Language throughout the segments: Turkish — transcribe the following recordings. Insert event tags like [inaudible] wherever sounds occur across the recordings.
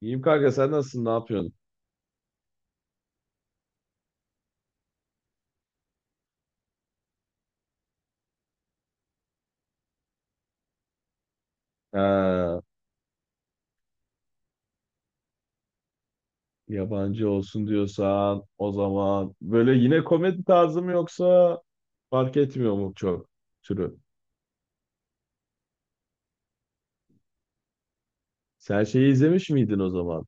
İyiyim kanka sen nasılsın ne yapıyorsun? Ha, yabancı olsun diyorsan o zaman böyle yine komedi tarzı mı yoksa fark etmiyor mu çok türü? Sen şeyi izlemiş miydin o zaman?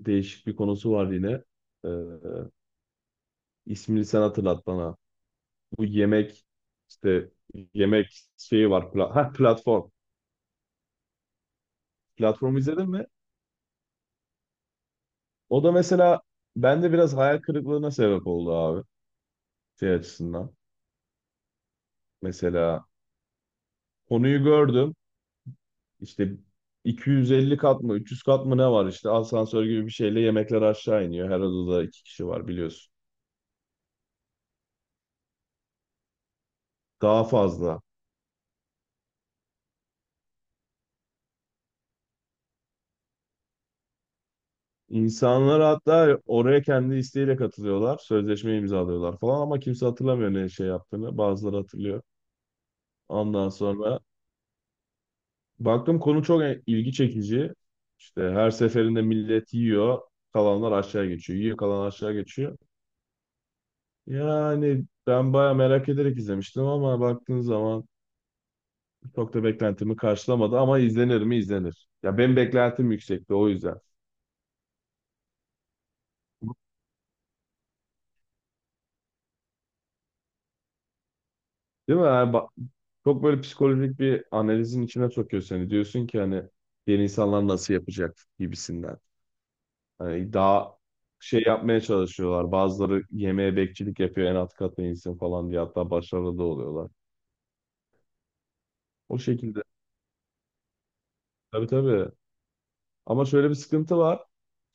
Değişik bir konusu var yine. Ee, ismini sen hatırlat bana. Bu yemek işte yemek şeyi var. Platform. Platformu izledin mi? O da mesela bende biraz hayal kırıklığına sebep oldu abi şey açısından. Mesela konuyu gördüm. İşte 250 kat mı 300 kat mı ne var işte asansör gibi bir şeyle yemekler aşağı iniyor. Her odada iki kişi var biliyorsun. Daha fazla. İnsanlar hatta oraya kendi isteğiyle katılıyorlar. Sözleşme imzalıyorlar falan ama kimse hatırlamıyor ne şey yaptığını. Bazıları hatırlıyor. Ondan sonra baktım konu çok ilgi çekici. İşte her seferinde millet yiyor. Kalanlar aşağı geçiyor. Yiyor kalan aşağı geçiyor. Yani ben baya merak ederek izlemiştim ama baktığın zaman çok da beklentimi karşılamadı ama izlenir mi izlenir. Ya benim beklentim yüksekti o yüzden. Değil mi? Çok böyle psikolojik bir analizin içine sokuyor seni. Diyorsun ki hani diğer insanlar nasıl yapacak gibisinden. Hani daha şey yapmaya çalışıyorlar. Bazıları yemeğe bekçilik yapıyor en alt katta insin falan diye hatta başarılı da oluyorlar. O şekilde. Tabii tabii. Ama şöyle bir sıkıntı var.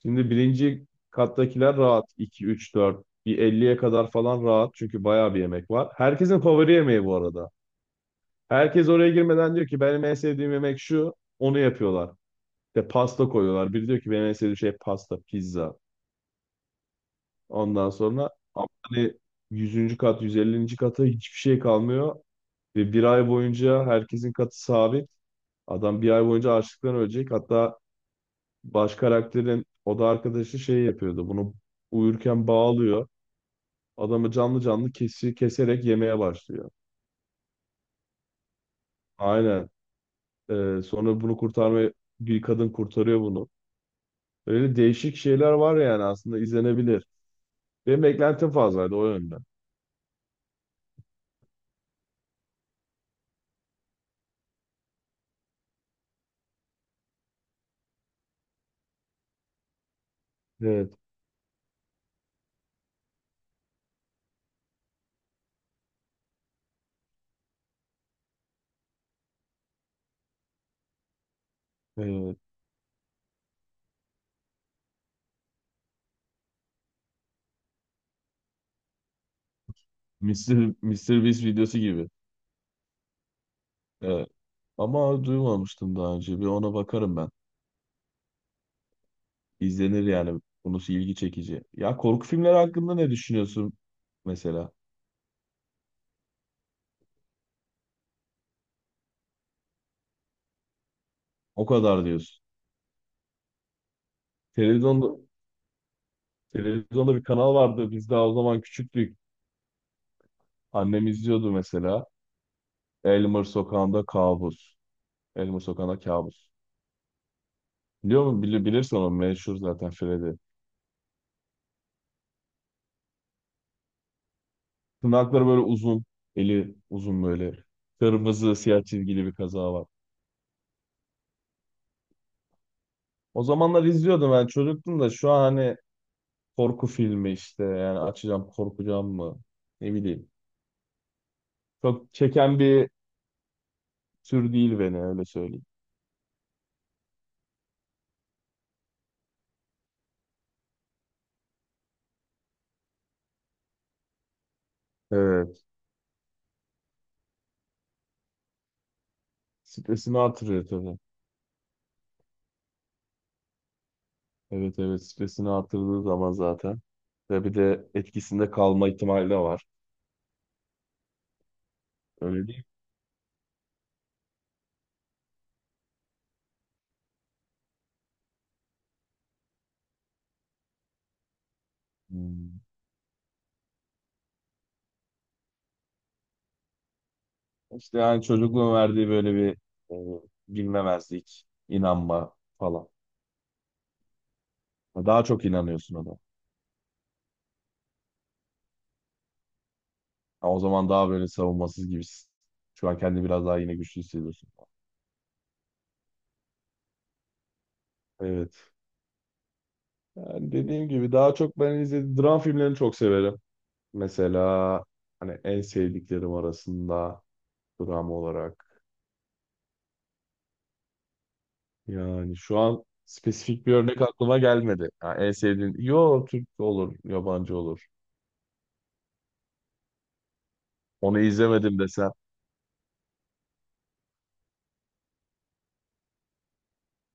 Şimdi birinci kattakiler rahat. İki 3 4 bir elliye kadar falan rahat çünkü bayağı bir yemek var. Herkesin favori yemeği bu arada. Herkes oraya girmeden diyor ki benim en sevdiğim yemek şu. Onu yapıyorlar. İşte pasta koyuyorlar. Biri diyor ki benim en sevdiğim şey pasta, pizza. Ondan sonra ama hani 100. kat, 150. kata hiçbir şey kalmıyor. Ve bir ay boyunca herkesin katı sabit. Adam bir ay boyunca açlıktan ölecek. Hatta baş karakterin o da arkadaşı şey yapıyordu. Bunu uyurken bağlıyor. Adamı canlı canlı keserek yemeye başlıyor. Aynen. Sonra bunu kurtarmaya bir kadın kurtarıyor bunu. Öyle değişik şeyler var yani aslında izlenebilir. Benim beklentim fazlaydı o yönden. Evet. Evet. Mister Mr. Beast videosu gibi. Evet. Ama duymamıştım daha önce. Bir ona bakarım ben. İzlenir yani. Konusu ilgi çekici. Ya korku filmleri hakkında ne düşünüyorsun mesela? O kadar diyorsun. Televizyonda, televizyonda bir kanal vardı. Biz daha o zaman küçüktük. Annem izliyordu mesela. Elmer Sokağı'nda Kabus. Elmer Sokağı'nda Kabus. Biliyor musun? Bilirsin onu. Meşhur zaten Freddy. Tırnakları böyle uzun. Eli uzun böyle. Kırmızı siyah çizgili bir kazağı var. O zamanlar izliyordum ben çocuktum da şu an hani korku filmi işte yani açacağım korkacağım mı ne bileyim. Çok çeken bir tür değil beni öyle söyleyeyim. Evet. Stresini artırıyor tabii. Evet evet stresini artırdığı zaman zaten. Ve bir de etkisinde kalma ihtimali de var. Öyle değil mi? Hmm. İşte yani çocukluğun verdiği böyle bir e, bilmemezlik, inanma falan. Daha çok inanıyorsun ona. Ha, o zaman daha böyle savunmasız gibisin. Şu an kendini biraz daha yine güçlü hissediyorsun. Evet. Yani dediğim gibi daha çok ben izlediğim dram filmlerini çok severim. Mesela hani en sevdiklerim arasında dram olarak. Yani şu an spesifik bir örnek aklıma gelmedi. Ha, en sevdiğin, yo Türk olur, yabancı olur. Onu izlemedim desem,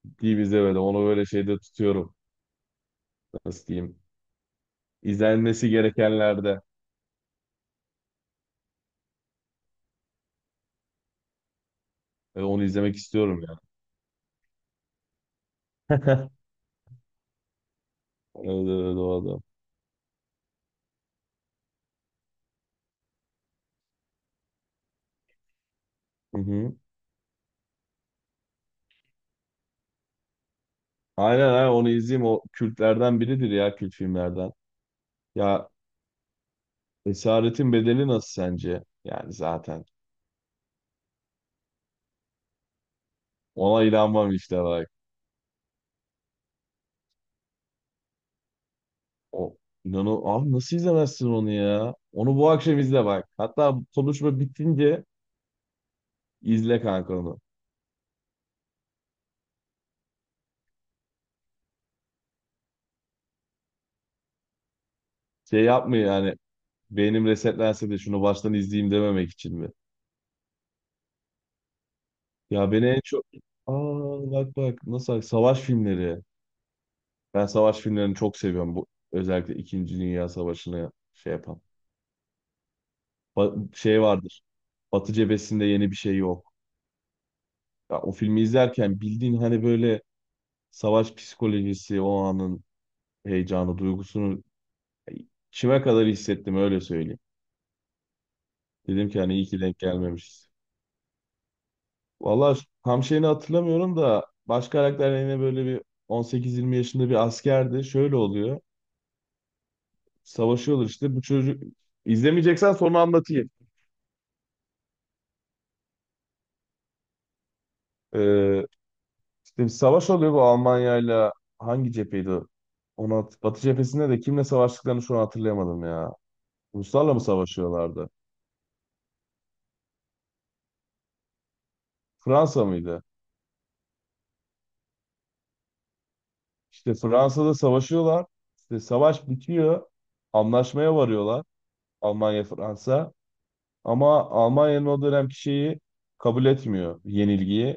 değil izlemedim. Onu böyle şeyde tutuyorum. Nasıl diyeyim? İzlenmesi gerekenlerde. Onu izlemek istiyorum ya. [laughs] Evet evet o adam. Hı hı. Aynen aynen onu izleyeyim. O kültlerden biridir ya kült filmlerden. Ya Esaretin Bedeli nasıl sence? Yani zaten. Ona inanmam işte bak. O inanı abi nasıl izlemezsin onu ya? Onu bu akşam izle bak. Hatta konuşma bitince izle kanka onu. Şey yapmıyor yani beynim resetlense de şunu baştan izleyeyim dememek için mi? Ya beni en çok... Aa, bak bak nasıl savaş filmleri. Ben savaş filmlerini çok seviyorum. Bu özellikle İkinci Dünya Savaşı'nı şey yapan. Şey vardır. Batı cephesinde yeni bir şey yok. Ya, o filmi izlerken bildiğin hani böyle savaş psikolojisi, o anın heyecanı, duygusunu kime kadar hissettim öyle söyleyeyim. Dedim ki hani iyi ki denk gelmemişiz. Valla tam şeyini hatırlamıyorum da baş karakter yine böyle bir 18-20 yaşında bir askerdi. Şöyle oluyor. Savaşıyorlar işte. Bu çocuk izlemeyeceksen sonra anlatayım. Ee, İşte bir savaş oluyor bu Almanya'yla hangi cepheydi o? Onu Batı cephesinde de kimle savaştıklarını şu an hatırlayamadım ya. Ruslarla mı savaşıyorlardı? Fransa mıydı? İşte Fransa'da savaşıyorlar. İşte savaş bitiyor. Anlaşmaya varıyorlar. Almanya Fransa. Ama Almanya'nın o dönemki şeyi kabul etmiyor yenilgiyi.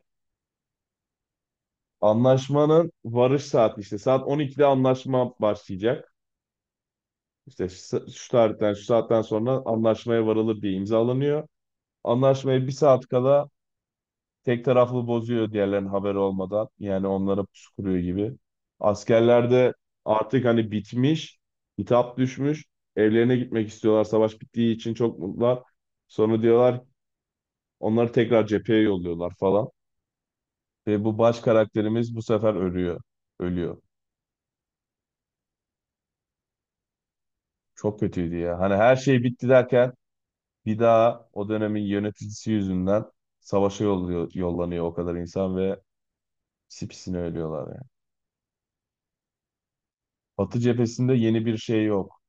Anlaşmanın varış saati işte saat 12'de anlaşma başlayacak. İşte şu şu tarihten şu saatten sonra anlaşmaya varılır diye imzalanıyor. Anlaşmayı bir saat kala tek taraflı bozuyor diğerlerinin haberi olmadan. Yani onlara pusu kuruyor gibi. Askerler de artık hani bitmiş, hitap düşmüş. Evlerine gitmek istiyorlar. Savaş bittiği için çok mutlular. Sonra diyorlar onları tekrar cepheye yolluyorlar falan. Ve bu baş karakterimiz bu sefer ölüyor. Ölüyor. Çok kötüydü ya. Hani her şey bitti derken bir daha o dönemin yöneticisi yüzünden savaşa yolluyor, yollanıyor o kadar insan ve pisi ölüyorlar yani. Batı cephesinde yeni bir şey yok.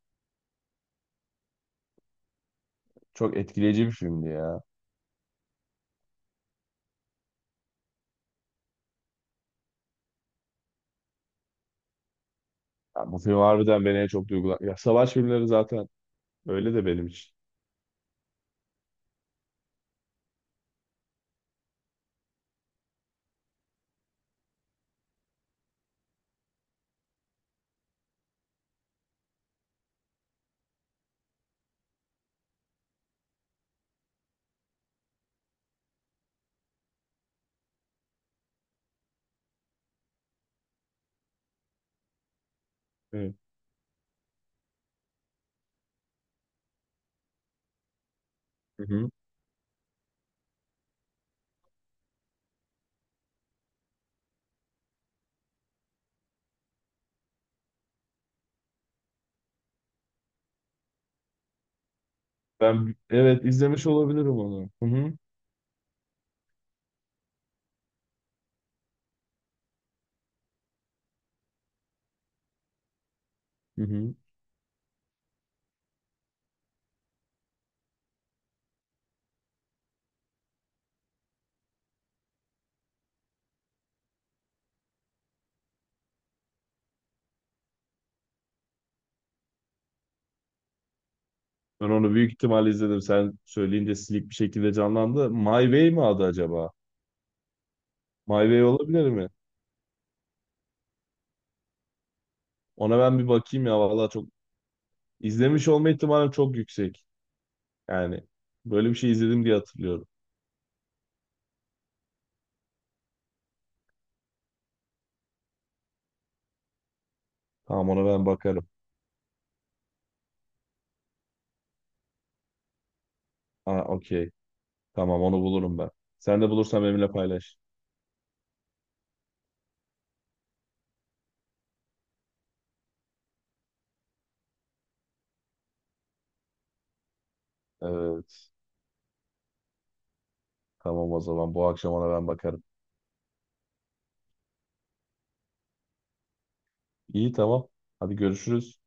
Çok etkileyici bir filmdi ya. Ya bu film harbiden beni en çok duygulan. Ya savaş filmleri zaten öyle de benim için. Evet. Hı hı. Ben evet izlemiş olabilirim onu. Hı hı. Hı hı. Ben onu büyük ihtimalle izledim. Sen söyleyince silik bir şekilde canlandı. My Way mi adı acaba? My Way olabilir mi? Ona ben bir bakayım ya. Vallahi çok izlemiş olma ihtimalim çok yüksek. Yani böyle bir şey izledim diye hatırlıyorum. Tamam ona ben bakarım. Aa okey. Tamam onu bulurum ben. Sen de bulursan benimle paylaş. Evet. Tamam o zaman bu akşamına ben bakarım. İyi tamam. Hadi görüşürüz.